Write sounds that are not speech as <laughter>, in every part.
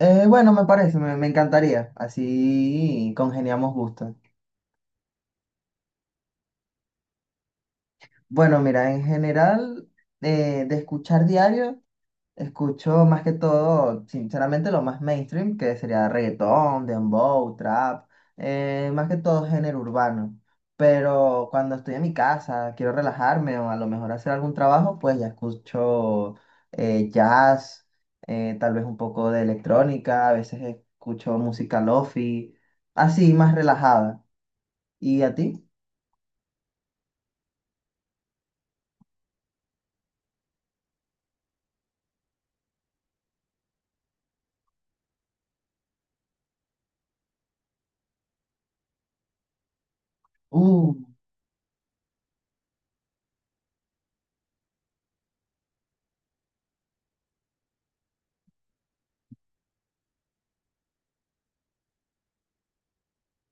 Bueno, me parece, me encantaría. Así congeniamos gustos. Bueno, mira, en general, de escuchar diario. Escucho más que todo, sinceramente, lo más mainstream, que sería reggaetón, dembow, trap, más que todo género urbano. Pero cuando estoy en mi casa, quiero relajarme o a lo mejor hacer algún trabajo, pues ya escucho jazz, tal vez un poco de electrónica, a veces escucho música lofi, así más relajada. ¿Y a ti? Uh,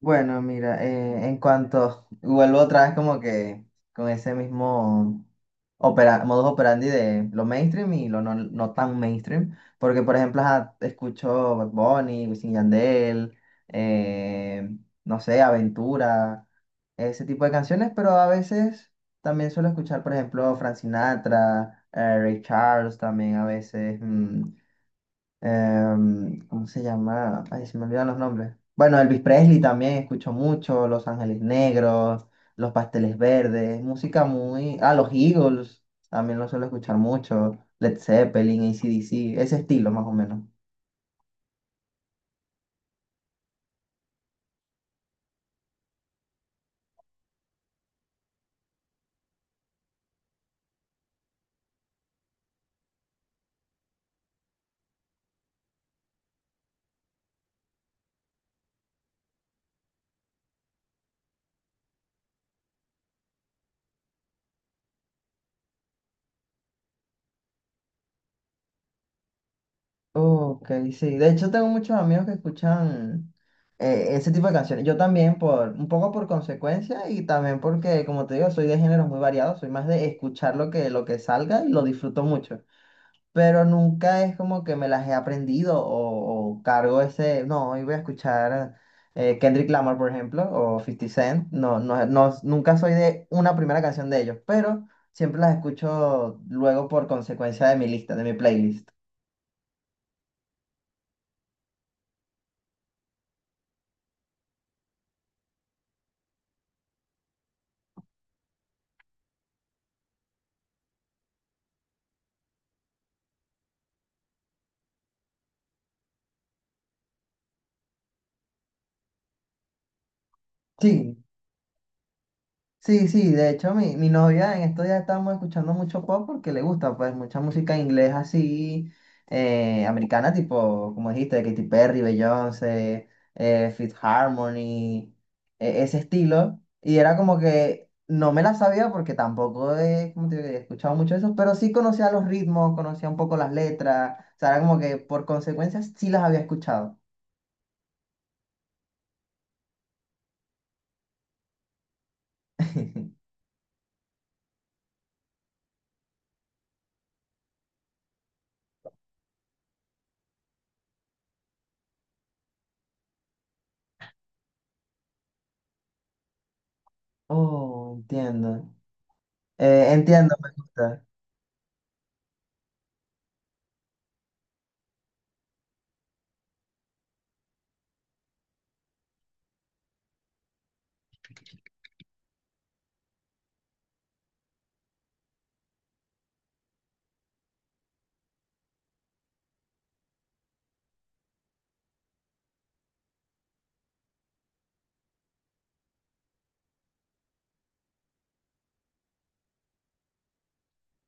Bueno, mira, en cuanto vuelvo otra vez como que con ese mismo opera, modus operandi de lo mainstream y lo no tan mainstream, porque por ejemplo ajá, escucho Bad Bunny, Wisin y Yandel, eh, no sé, Aventura, ese tipo de canciones, pero a veces también suelo escuchar por ejemplo Frank Sinatra, Ray Charles también a veces, ¿cómo se llama? Ay, se me olvidan los nombres. Bueno, Elvis Presley también escucho mucho, Los Ángeles Negros, Los Pasteles Verdes, música Ah, los Eagles, también lo suelo escuchar mucho, Led Zeppelin, AC/DC, ese estilo más o menos. Ok, sí. De hecho, tengo muchos amigos que escuchan ese tipo de canciones. Yo también por un poco por consecuencia y también porque, como te digo, soy de géneros muy variados. Soy más de escuchar lo que salga y lo disfruto mucho. Pero nunca es como que me las he aprendido o cargo ese, no, hoy voy a escuchar Kendrick Lamar, por ejemplo, o Fifty Cent, no, no, no, nunca soy de una primera canción de ellos, pero siempre las escucho luego por consecuencia de mi lista, de mi playlist. Sí, sí, sí, de hecho mi novia en estos días estábamos escuchando mucho pop porque le gusta pues mucha música inglés así, americana, tipo, como dijiste, Katy Perry, Beyoncé, Fifth Harmony, ese estilo. Y era como que no me la sabía porque tampoco he, como te digo, he escuchado mucho eso, pero sí conocía los ritmos, conocía un poco las letras, o sea, era como que por consecuencia sí las había escuchado. <laughs> Oh, entiendo. Entiendo, me gusta.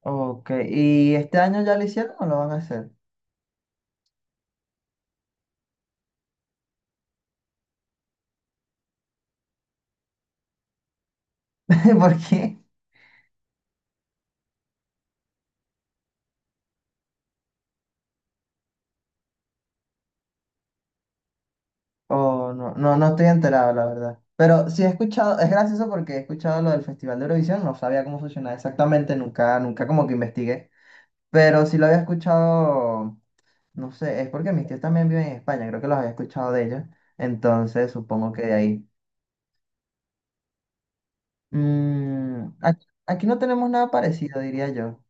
Ok, ¿y este año ya lo hicieron o lo van a hacer? <laughs> ¿Por qué? Oh, no, no, no estoy enterado, la verdad. Pero sí he escuchado, es gracioso porque he escuchado lo del Festival de Eurovisión, no sabía cómo funcionaba exactamente, nunca como que investigué. Pero sí lo había escuchado, no sé, es porque mis tíos también viven en España, creo que los había escuchado de ellos. Entonces supongo que de ahí. Mm, aquí no tenemos nada parecido, diría yo.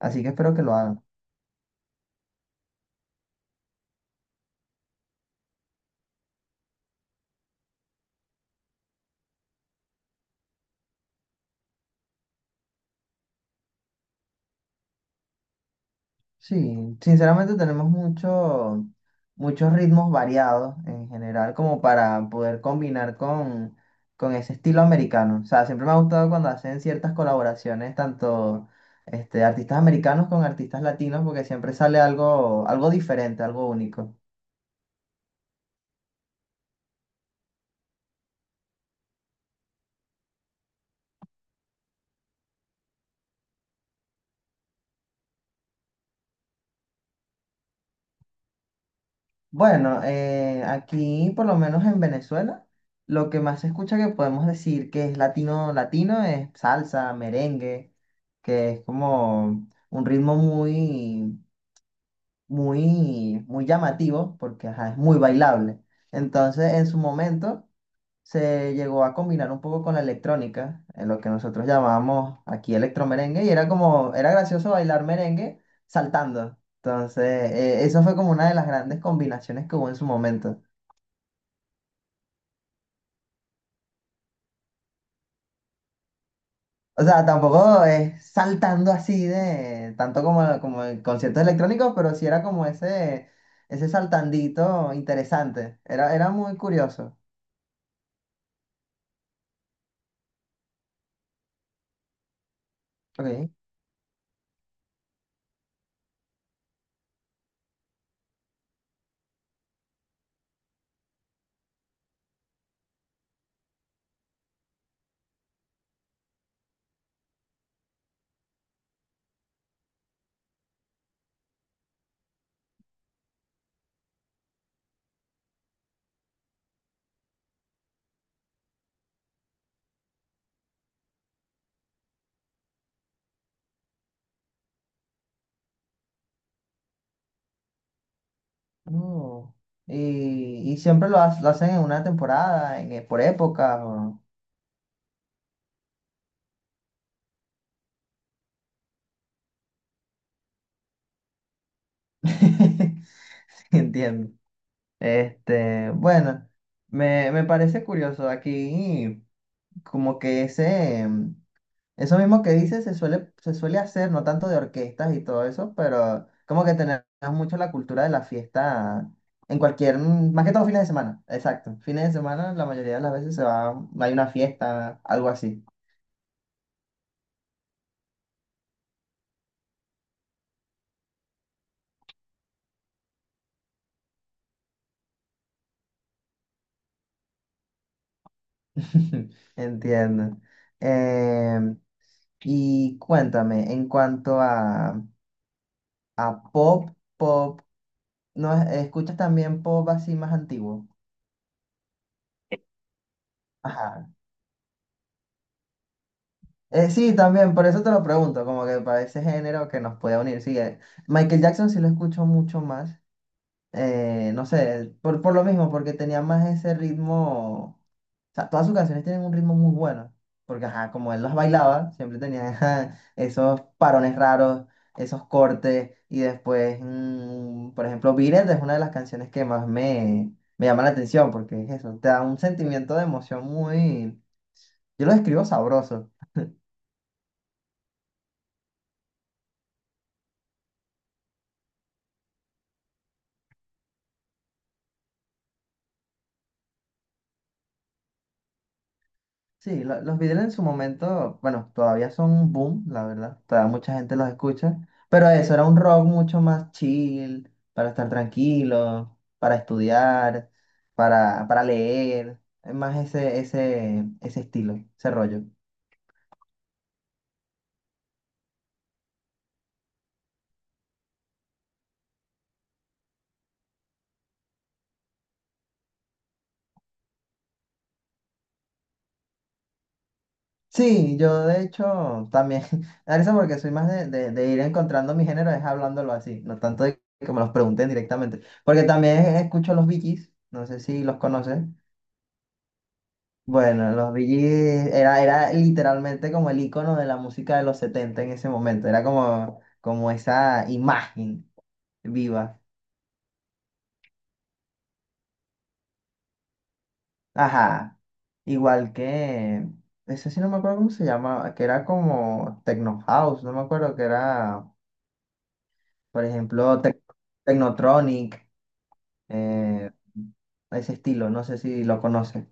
Así que espero que lo hagan. Sí, sinceramente tenemos mucho, muchos ritmos variados en general como para poder combinar con ese estilo americano. O sea, siempre me ha gustado cuando hacen ciertas colaboraciones, tanto este, artistas americanos con artistas latinos, porque siempre sale algo, algo diferente, algo único. Bueno, aquí por lo menos en Venezuela, lo que más se escucha que podemos decir que es latino, latino es salsa, merengue, que es como un ritmo muy llamativo porque ajá, es muy bailable. Entonces, en su momento se llegó a combinar un poco con la electrónica, en lo que nosotros llamábamos aquí electromerengue, y era como, era gracioso bailar merengue saltando. Entonces, eso fue como una de las grandes combinaciones que hubo en su momento. O sea, tampoco es saltando así de tanto como, como en conciertos electrónicos, pero sí era como ese saltandito interesante. Era, era muy curioso. Ok. No y, y siempre lo hacen en una temporada, en, por época. O... <laughs> sí, entiendo. Este, bueno, me parece curioso aquí, como que ese, eso mismo que dices se suele hacer, no tanto de orquestas y todo eso, pero como que tenemos mucho la cultura de la fiesta en cualquier, más que todo fines de semana, exacto. Fines de semana, la mayoría de las veces se va, hay una fiesta, algo así. <laughs> Entiendo. Em, y cuéntame, en cuanto a, a pop, pop, ¿no escuchas también pop así más antiguo? Ajá. Sí, también, por eso te lo pregunto, como que para ese género que nos puede unir. Sí, Michael Jackson sí lo escucho mucho más. No sé, por lo mismo, porque tenía más ese ritmo. Sea, todas sus canciones tienen un ritmo muy bueno, porque ajá, como él las bailaba, siempre tenía <laughs> ajá, esos parones raros, esos cortes, y después, mm, por ejemplo, Beat It es una de las canciones que más me llama la atención, porque es eso, te da un sentimiento de emoción muy, yo lo describo sabroso. Sí, los Beatles en su momento, bueno, todavía son un boom, la verdad. Todavía mucha gente los escucha. Pero eso era un rock mucho más chill, para estar tranquilo, para estudiar, para leer. Es más ese, ese, ese estilo, ese rollo. Sí, yo de hecho también, <laughs> a eso porque soy más de, de ir encontrando mi género, es hablándolo así, no tanto de que me los pregunten directamente. Porque también escucho los Bee Gees, no sé si los conoces. Bueno, los Bee Gees era, era literalmente como el icono de la música de los 70 en ese momento. Era como, como esa imagen viva. Ajá. Igual que, ese sí no me acuerdo cómo se llama, que era como Techno House, no me acuerdo, que era, por ejemplo, Technotronic, eh, ese estilo, no sé si lo conoces.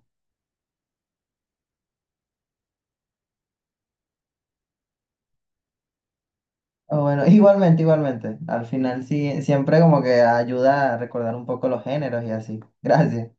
Ah, bueno, <laughs> igualmente, igualmente. Al final sí, siempre como que ayuda a recordar un poco los géneros y así. Gracias.